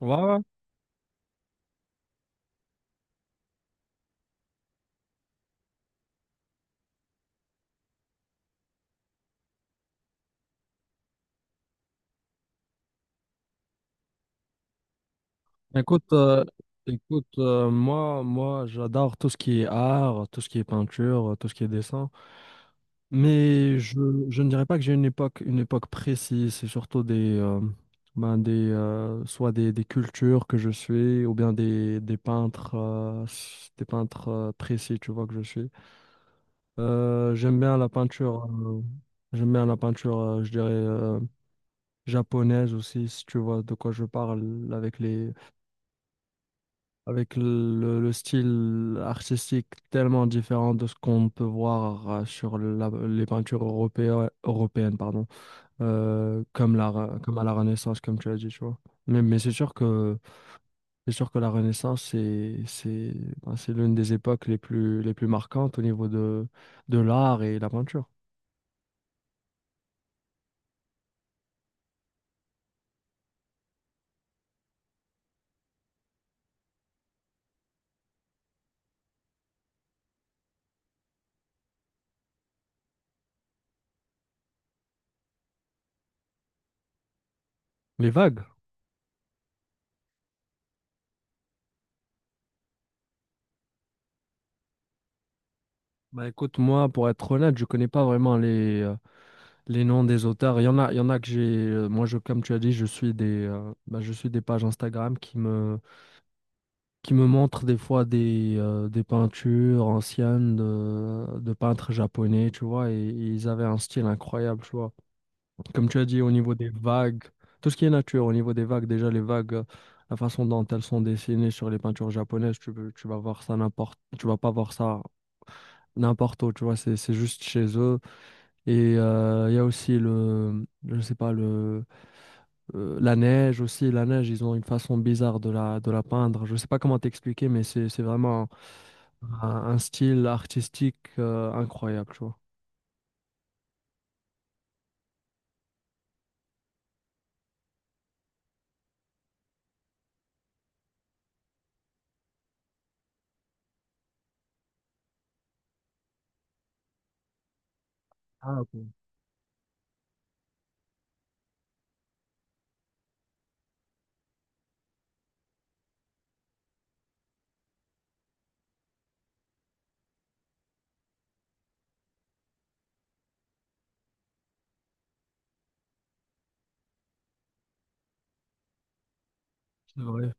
Ouais, ouais. Écoute, euh, écoute moi, j'adore tout ce qui est art, tout ce qui est peinture, tout ce qui est dessin. Mais je, je ne dirais pas que j'ai une époque précise. C'est surtout ben soit des cultures que je suis, ou bien des peintres, des peintres précis, tu vois, que je suis. J'aime bien la peinture, j'aime bien la peinture, je dirais, japonaise aussi, si tu vois de quoi je parle, avec les avec le style artistique tellement différent de ce qu'on peut voir sur les européennes, pardon, comme comme à la Renaissance, comme tu as dit, tu vois. Mais c'est sûr que la Renaissance, c'est l'une des époques les plus marquantes au niveau de l'art et la peinture. Les vagues. Bah écoute, moi, pour être honnête, je connais pas vraiment les noms des auteurs, il y en a, il y en a que j'ai. Comme tu as dit, je suis bah, je suis des pages Instagram qui me montrent des fois des peintures anciennes de peintres japonais, tu vois, et ils avaient un style incroyable, tu vois. Comme tu as dit, au niveau des vagues, tout ce qui est nature, au niveau des vagues, déjà les vagues, la façon dont elles sont dessinées sur les peintures japonaises, tu vas voir ça n'importe, tu vas pas voir ça n'importe où, tu vois, c'est juste chez eux. Et il y a aussi je sais pas, le la neige aussi, la neige, ils ont une façon bizarre de de la peindre. Je sais pas comment t'expliquer, c'est vraiment un style artistique incroyable, tu vois. Ah, ok, c'est vrai.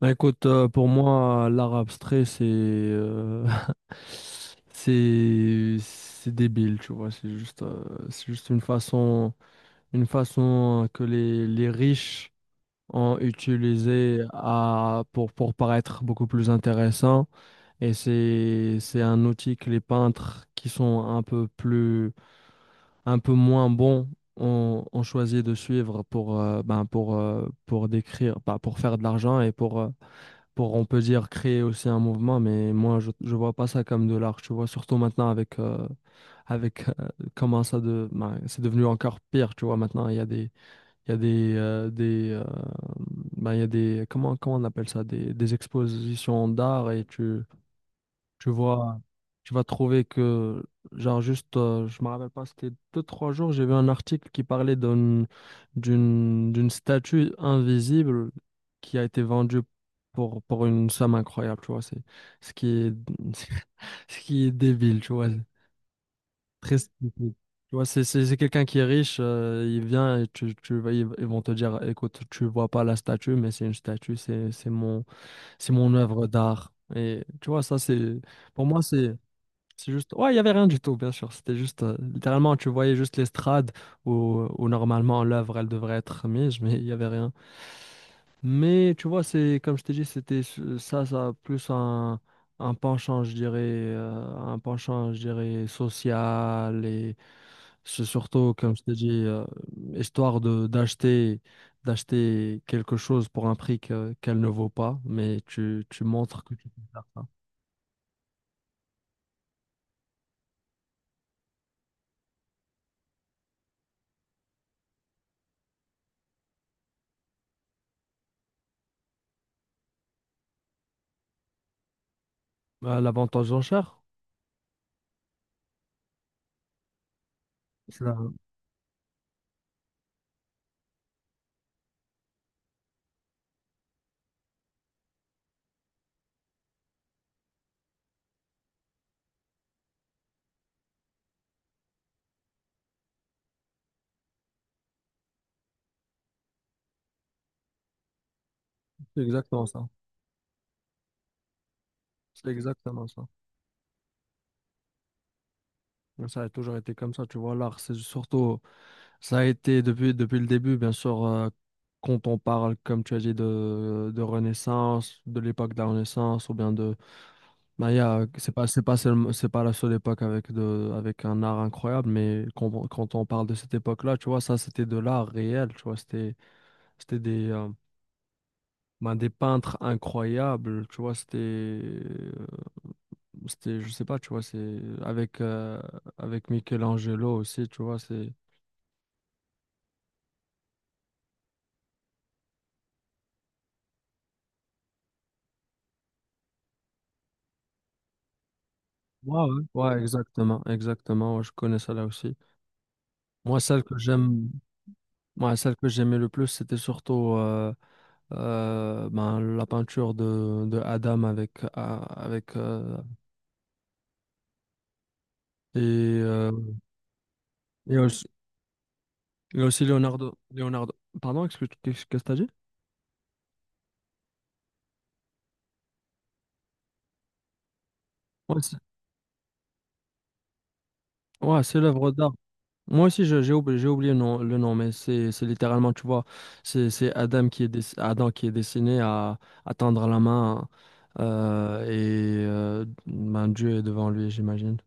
Bah, écoute, pour moi, l'art abstrait, c'est c'est débile, tu vois. C'est juste une façon que les riches ont utilisé à, pour paraître beaucoup plus intéressant. Et c'est un outil que les peintres qui sont un peu plus, un peu moins bons ont, ont choisi de suivre pour, ben pour décrire, pas pour faire de l'argent et pour, on peut dire, créer aussi un mouvement. Mais moi, je vois pas ça comme de l'art, tu vois, surtout maintenant avec comment ça de, ben, c'est devenu encore pire, tu vois, maintenant, il y a des il y a des ben, il y a des, comment, comment on appelle ça, des expositions d'art et tu vois, tu vas trouver que, je me rappelle pas, c'était deux, trois jours, j'ai vu un article qui parlait d'une statue invisible qui a été vendue pour une somme incroyable, tu vois, c'est ce qui est, ce qui est débile, tu vois, très stupide. Tu vois, c'est quelqu'un qui est riche, il vient et ils vont te dire, écoute, tu vois pas la statue, mais c'est une statue, c'est mon œuvre d'art. Et tu vois, ça c'est pour moi c'est juste, ouais, il y avait rien du tout, bien sûr. C'était juste, littéralement, tu voyais juste l'estrade où normalement l'œuvre, elle devrait être mise, mais il y avait rien. Mais tu vois, c'est comme je t'ai dit, ça, ça, plus un penchant, je dirais, un penchant, je dirais, social et c'est surtout, comme je t'ai dit, histoire de d'acheter, d'acheter quelque chose pour un prix qu'elle ne vaut pas, mais tu montres que tu peux faire ça. L'avantage d'enchère. C'est exactement ça. C'est exactement ça. Mais ça a toujours été comme ça, tu vois. L'art, c'est surtout, ça a été depuis, depuis le début, bien sûr, quand on parle, comme tu as dit, de Renaissance, de l'époque de la Renaissance, ou bien de Maya, c'est pas la seule époque avec, de, avec un art incroyable, mais quand on parle de cette époque-là, tu vois, ça, c'était de l'art réel, tu vois. C'était ben, des peintres incroyables, tu vois. C'était. C'était, je sais pas, tu vois, avec Michelangelo aussi, tu vois, c'est... Ouais, ouais. Ouais, exactement, exactement, ouais, je connais ça là aussi. Moi, celle que j'aime, moi, celle que j'aimais le plus, c'était surtout ben, la peinture de Adam avec et, euh, et aussi, et aussi Leonardo, Leonardo. Pardon, excuse, qu'est-ce que t'as dit? Ouais, c'est ouais, c'est l'œuvre d'art. J'ai oublié le nom, mais c'est littéralement, tu vois, c'est Adam Adam qui est destiné à tendre la main et ben, Dieu est devant lui, j'imagine.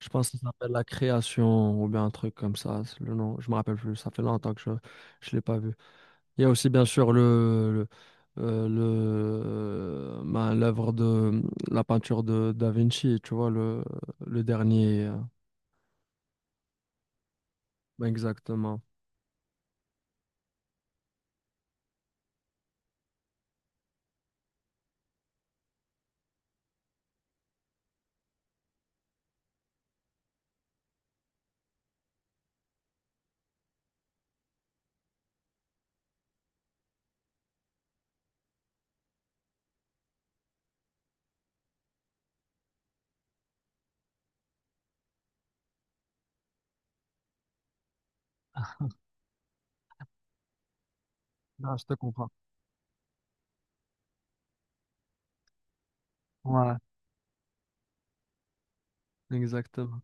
Je pense que ça s'appelle la création ou bien un truc comme ça. C'est Le nom, je me rappelle plus. Ça fait longtemps que je l'ai pas vu. Il y a aussi bien sûr le ben, l'œuvre de la peinture de Da Vinci, tu vois le dernier. Ben, exactement. Ah, je te comprends. Ouais. Exactement.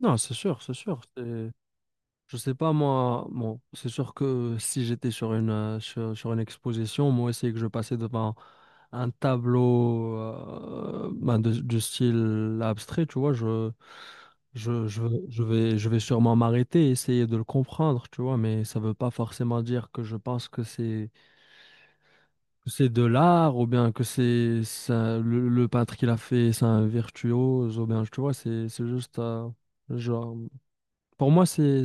Non, c'est sûr, je sais pas, moi, bon, c'est sûr que si j'étais sur une, sur une exposition, moi aussi, et que je passais devant un tableau ben, du style abstrait, tu vois, je vais sûrement m'arrêter, essayer de le comprendre, tu vois, mais ça veut pas forcément dire que je pense que c'est de l'art ou bien que c'est le peintre qui l'a fait, c'est un virtuose ou bien, tu vois, c'est juste... Genre, Pour moi,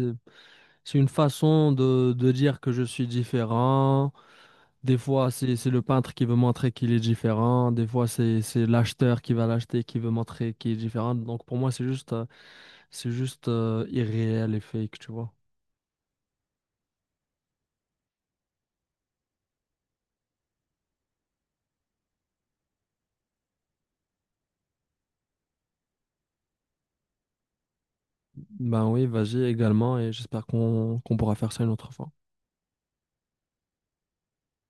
c'est une façon de dire que je suis différent. Des fois, c'est le peintre qui veut montrer qu'il est différent. Des fois, c'est l'acheteur qui va l'acheter qui veut montrer qu'il est différent. Donc pour moi, c'est juste irréel et fake, tu vois. Ben oui, vas-y également et j'espère qu'on pourra faire ça une autre fois.